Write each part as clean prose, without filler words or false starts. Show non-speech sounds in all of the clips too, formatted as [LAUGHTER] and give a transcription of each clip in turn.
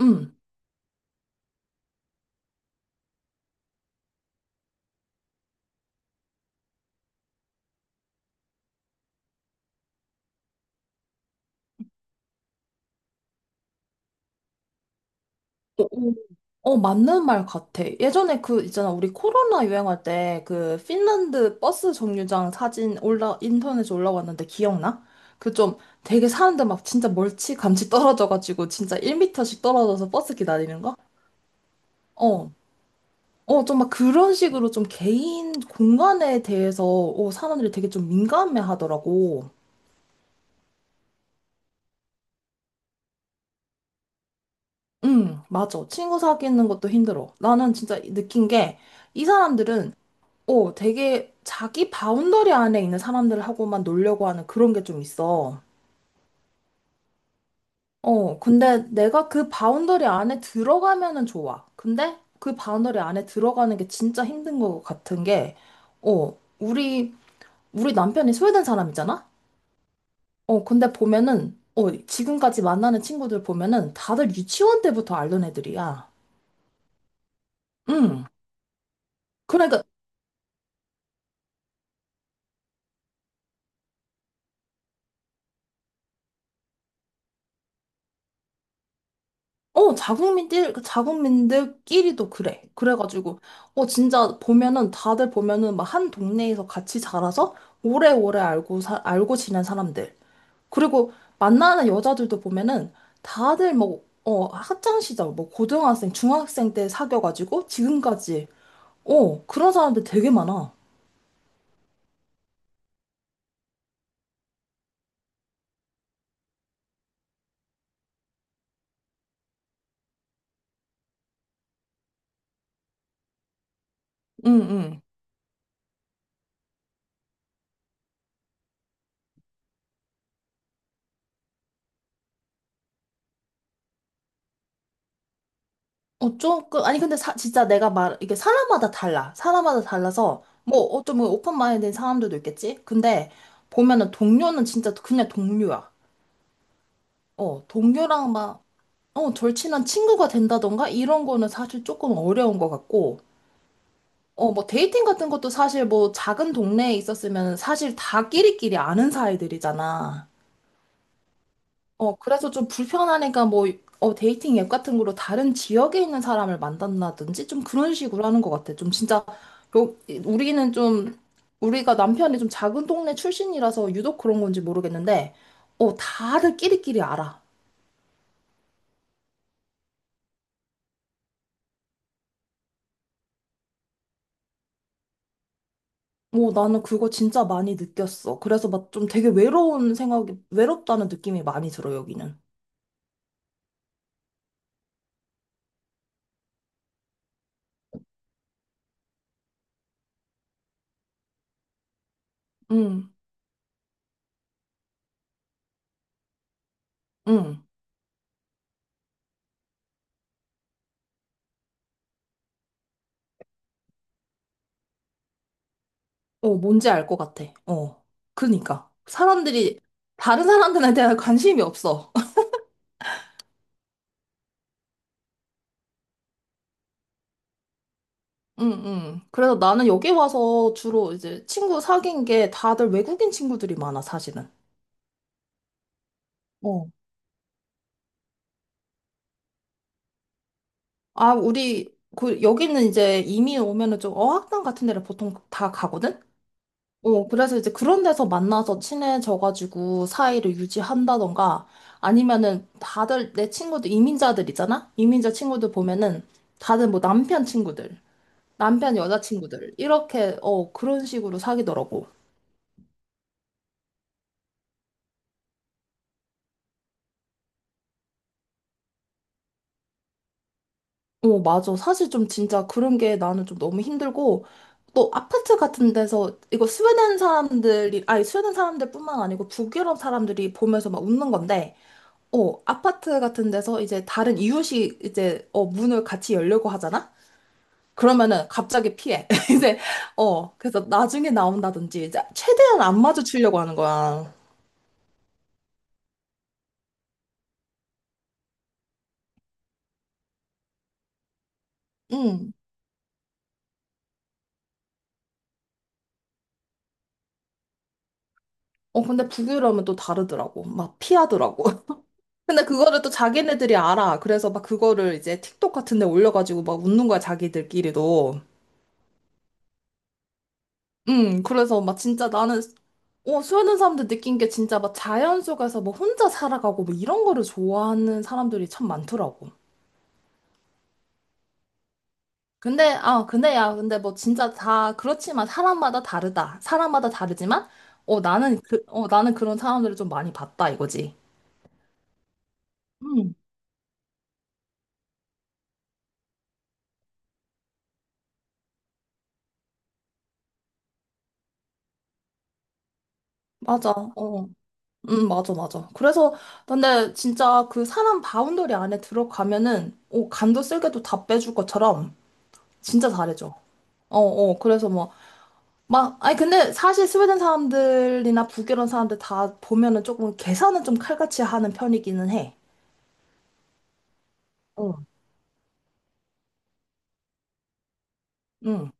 음. 어, 어. 어, 맞는 말 같아. 예전에 그, 있잖아, 우리 코로나 유행할 때 그 핀란드 버스 정류장 사진 인터넷에 올라왔는데 기억나? 그 좀 되게 사는데 막 진짜 멀찌감치 떨어져가지고 진짜 1미터씩 떨어져서 버스 기다리는 거? 어. 어, 좀 막 그런 식으로 좀 개인 공간에 대해서 사람들이 되게 좀 민감해 하더라고. 응, 맞아. 친구 사귀는 것도 힘들어. 나는 진짜 느낀 게 이 사람들은 되게 자기 바운더리 안에 있는 사람들하고만 놀려고 하는 그런 게 좀 있어. 근데 내가 그 바운더리 안에 들어가면은 좋아. 근데 그 바운더리 안에 들어가는 게 진짜 힘든 것 같은 게, 어, 우리, 우리 남편이 스웨덴 사람이잖아? 근데 지금까지 만나는 친구들 보면은 다들 유치원 때부터 알던 애들이야. 응. 그러니까 그 자국민들끼리도 그래. 그래가지고, 진짜 보면은, 다들 보면은 막 한 동네에서 같이 자라서 오래오래 알고 지낸 사람들. 그리고 만나는 여자들도 보면은, 다들 뭐, 학창시절, 뭐, 고등학생, 중학생 때 사귀어가지고, 지금까지, 그런 사람들 되게 많아. 응, 응. 조금, 아니, 근데 진짜 이게 사람마다 달라. 사람마다 달라서, 뭐, 어쩌면 오픈 마인드인 사람들도 있겠지? 근데, 보면은 동료는 진짜 그냥 동료야. 어, 동료랑 막, 절친한 친구가 된다던가? 이런 거는 사실 조금 어려운 것 같고, 뭐, 데이팅 같은 것도 사실 뭐, 작은 동네에 있었으면 사실 다 끼리끼리 아는 사이들이잖아. 그래서 좀 불편하니까 뭐, 데이팅 앱 같은 거로 다른 지역에 있는 사람을 만난다든지 좀 그런 식으로 하는 것 같아. 요, 우리는 좀, 우리가 남편이 좀 작은 동네 출신이라서 유독 그런 건지 모르겠는데, 다들 끼리끼리 알아. 뭐 나는 그거 진짜 많이 느꼈어. 그래서 막 좀 되게 외롭다는 느낌이 많이 들어, 여기는. 응, 응. 뭔지 알 것 같아. 어. 그러니까. 다른 사람들에 대한 관심이 없어. 응응. 그래서 나는 여기 와서 주로 이제 친구 사귄 게 다들 외국인 친구들이 많아, 사실은. 어. 아, 여기는 이제 이민 오면은 좀 어학당 같은 데를 보통 다 가거든? 그래서 이제 그런 데서 만나서 친해져가지고 사이를 유지한다던가 아니면은 다들 내 친구들, 이민자들 있잖아? 이민자 친구들 보면은 다들 뭐 남편 친구들, 남편 여자 친구들, 이렇게, 그런 식으로 사귀더라고. 어, 맞아. 사실 좀 진짜 그런 게 나는 좀 너무 힘들고, 또 아파트 같은 데서 이거 스웨덴 사람들이, 아니, 스웨덴 사람들뿐만 아니고 북유럽 사람들이 보면서 막 웃는 건데, 아파트 같은 데서 이제 다른 이웃이 이제, 문을 같이 열려고 하잖아? 그러면은 갑자기 피해. [LAUGHS] 그래서 나중에 나온다든지, 이제 최대한 안 마주치려고 하는 거야. 응. 근데 북유럽은 또 다르더라고. 막 피하더라고. 근데 그거를 또 자기네들이 알아. 그래서 막 그거를 이제 틱톡 같은 데 올려가지고 막 웃는 거야, 자기들끼리도. 그래서 막 진짜 나는, 수많은 사람들 느낀 게 진짜 막 자연 속에서 뭐 혼자 살아가고 뭐 이런 거를 좋아하는 사람들이 참 많더라고. 근데, 아, 근데 야, 근데 뭐 진짜 다 그렇지만 사람마다 다르다. 사람마다 다르지만, 어, 나는 그런 사람들을 좀 많이 봤다, 이거지. 음, 맞아. 어. 맞아, 맞아. 그래서, 근데 진짜 그 사람 바운더리 안에 들어가면은, 간도 쓸게도 다 빼줄 것처럼 진짜 잘해줘. 그래서 뭐, 막, 아니, 근데 사실 스웨덴 사람들이나 북이런 사람들 다 보면은 조금 계산은 좀 칼같이 하는 편이기는 해. 어. 응.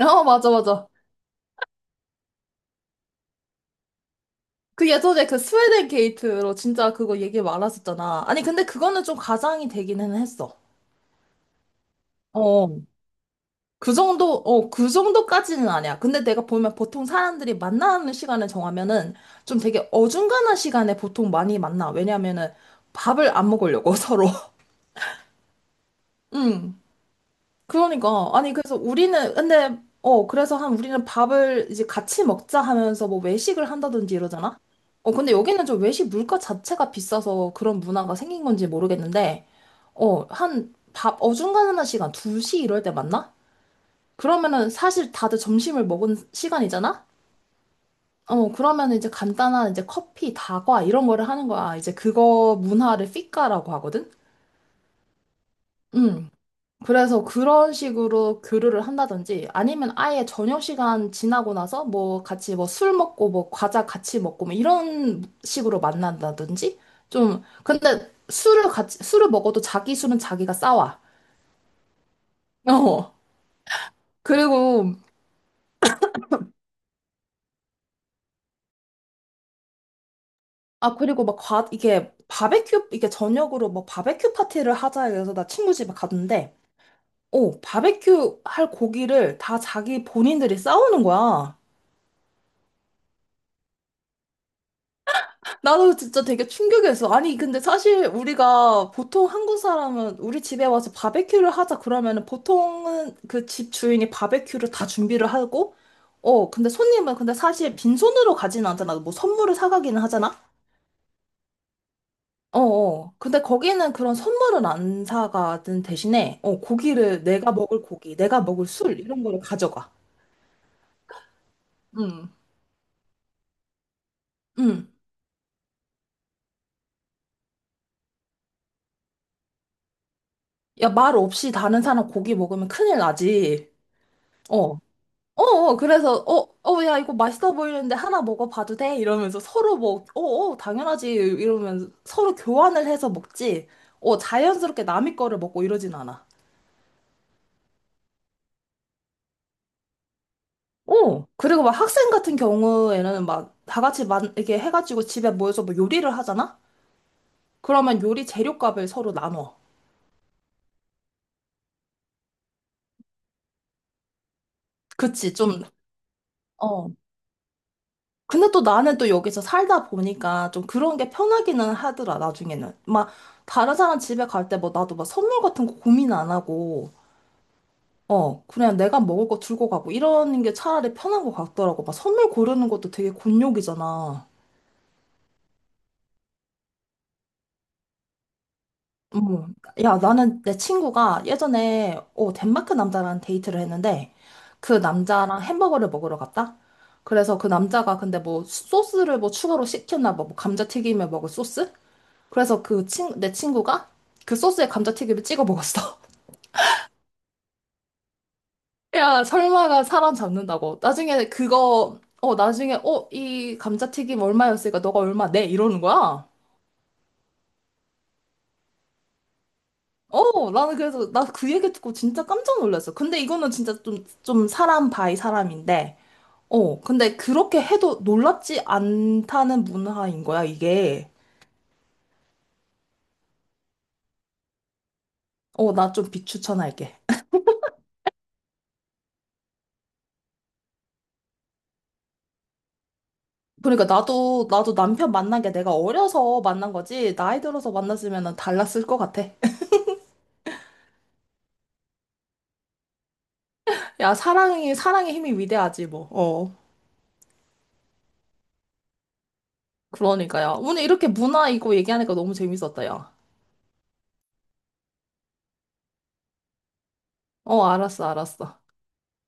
어, 맞아, 맞아. 그 예전에 그 스웨덴 게이트로 진짜 그거 얘기 많았었잖아. 아니, 근데 그거는 좀 가장이 되기는 했어. 어. 그 정도까지는 아니야. 근데 내가 보면 보통 사람들이 만나는 시간을 정하면은 좀 되게 어중간한 시간에 보통 많이 만나. 왜냐면은 밥을 안 먹으려고 [LAUGHS] 서로. 응. 그러니까. 아니, 그래서 그래서 한 우리는 밥을 이제 같이 먹자 하면서 뭐 외식을 한다든지 이러잖아? 근데 여기는 좀 외식 물가 자체가 비싸서 그런 문화가 생긴 건지 모르겠는데, 한 밥 어중간한 시간, 2시 이럴 때 만나? 그러면은 사실 다들 점심을 먹은 시간이잖아? 그러면 이제 간단한 이제 커피, 다과 이런 거를 하는 거야. 이제 그거 문화를 피카라고 하거든? 음. 그래서 그런 식으로 교류를 한다든지 아니면 아예 저녁 시간 지나고 나서 뭐 같이 뭐 술 먹고 뭐 과자 같이 먹고 뭐 이런 식으로 만난다든지 좀 근데 술을 같이 술을 먹어도 자기 술은 자기가 싸와. 어. 그리고 아, 그리고 막 이게 저녁으로 뭐 바베큐 파티를 하자 해서 나 친구 집에 갔는데, 오, 바베큐 할 고기를 다 자기 본인들이 싸우는 거야. 나도 진짜 되게 충격이었어. 아니, 근데 사실 우리가 보통 한국 사람은 우리 집에 와서 바베큐를 하자 그러면은 보통은 그 집 주인이 바베큐를 다 준비를 하고, 근데 손님은 근데 사실 빈손으로 가지는 않잖아. 뭐 선물을 사가기는 하잖아. 어어. 근데 거기는 그런 선물은 안 사가든 대신에, 고기를, 내가 먹을 고기, 내가 먹을 술, 이런 거를 가져가. 응. 응. 야, 말 없이 다른 사람 고기 먹으면 큰일 나지. 어. 어어. 그래서, 야, 이거 맛있어 보이는데 하나 먹어봐도 돼? 이러면서 서로 뭐, 어어, 당연하지. 이러면서 서로 교환을 해서 먹지. 자연스럽게 남의 거를 먹고 이러진 않아. 그리고 막 학생 같은 경우에는 막 이렇게 해가지고 집에 모여서 뭐 요리를 하잖아? 그러면 요리 재료값을 서로 나눠. 그치, 좀, 어. 근데 또 나는 또 여기서 살다 보니까 좀 그런 게 편하기는 하더라, 나중에는. 막, 다른 사람 집에 갈 때 뭐 나도 막 선물 같은 거 고민 안 하고, 그냥 내가 먹을 거 들고 가고, 이러는 게 차라리 편한 것 같더라고. 막 선물 고르는 것도 되게 곤욕이잖아. 어머, 야, 나는 내 친구가 예전에 덴마크 남자랑 데이트를 했는데 그 남자랑 햄버거를 먹으러 갔다? 그래서 그 남자가 근데 뭐 소스를 뭐 추가로 시켰나 봐. 뭐 감자튀김에 먹을 소스? 그래서 내 친구가 그 소스에 감자튀김을 찍어 먹었어. [LAUGHS] 야, 설마가 사람 잡는다고. 나중에 나중에, 이 감자튀김 얼마였으니까 너가 얼마 내? 이러는 거야. 나는 그래서 나 그 얘기 듣고 진짜 깜짝 놀랐어. 근데 이거는 진짜 좀, 좀 사람 바이 사람인데, 근데 그렇게 해도 놀랍지 않다는 문화인 거야, 이게. 어, 나 좀 비추천할게. 그러니까 나도 남편 만난 게 내가 어려서 만난 거지, 나이 들어서 만났으면 달랐을 것 같아. [LAUGHS] 야, 사랑의 힘이 위대하지, 뭐. 그러니까요. 오늘 이렇게 문화 이거 얘기하니까 너무 재밌었다, 야. 어, 알았어, 알았어.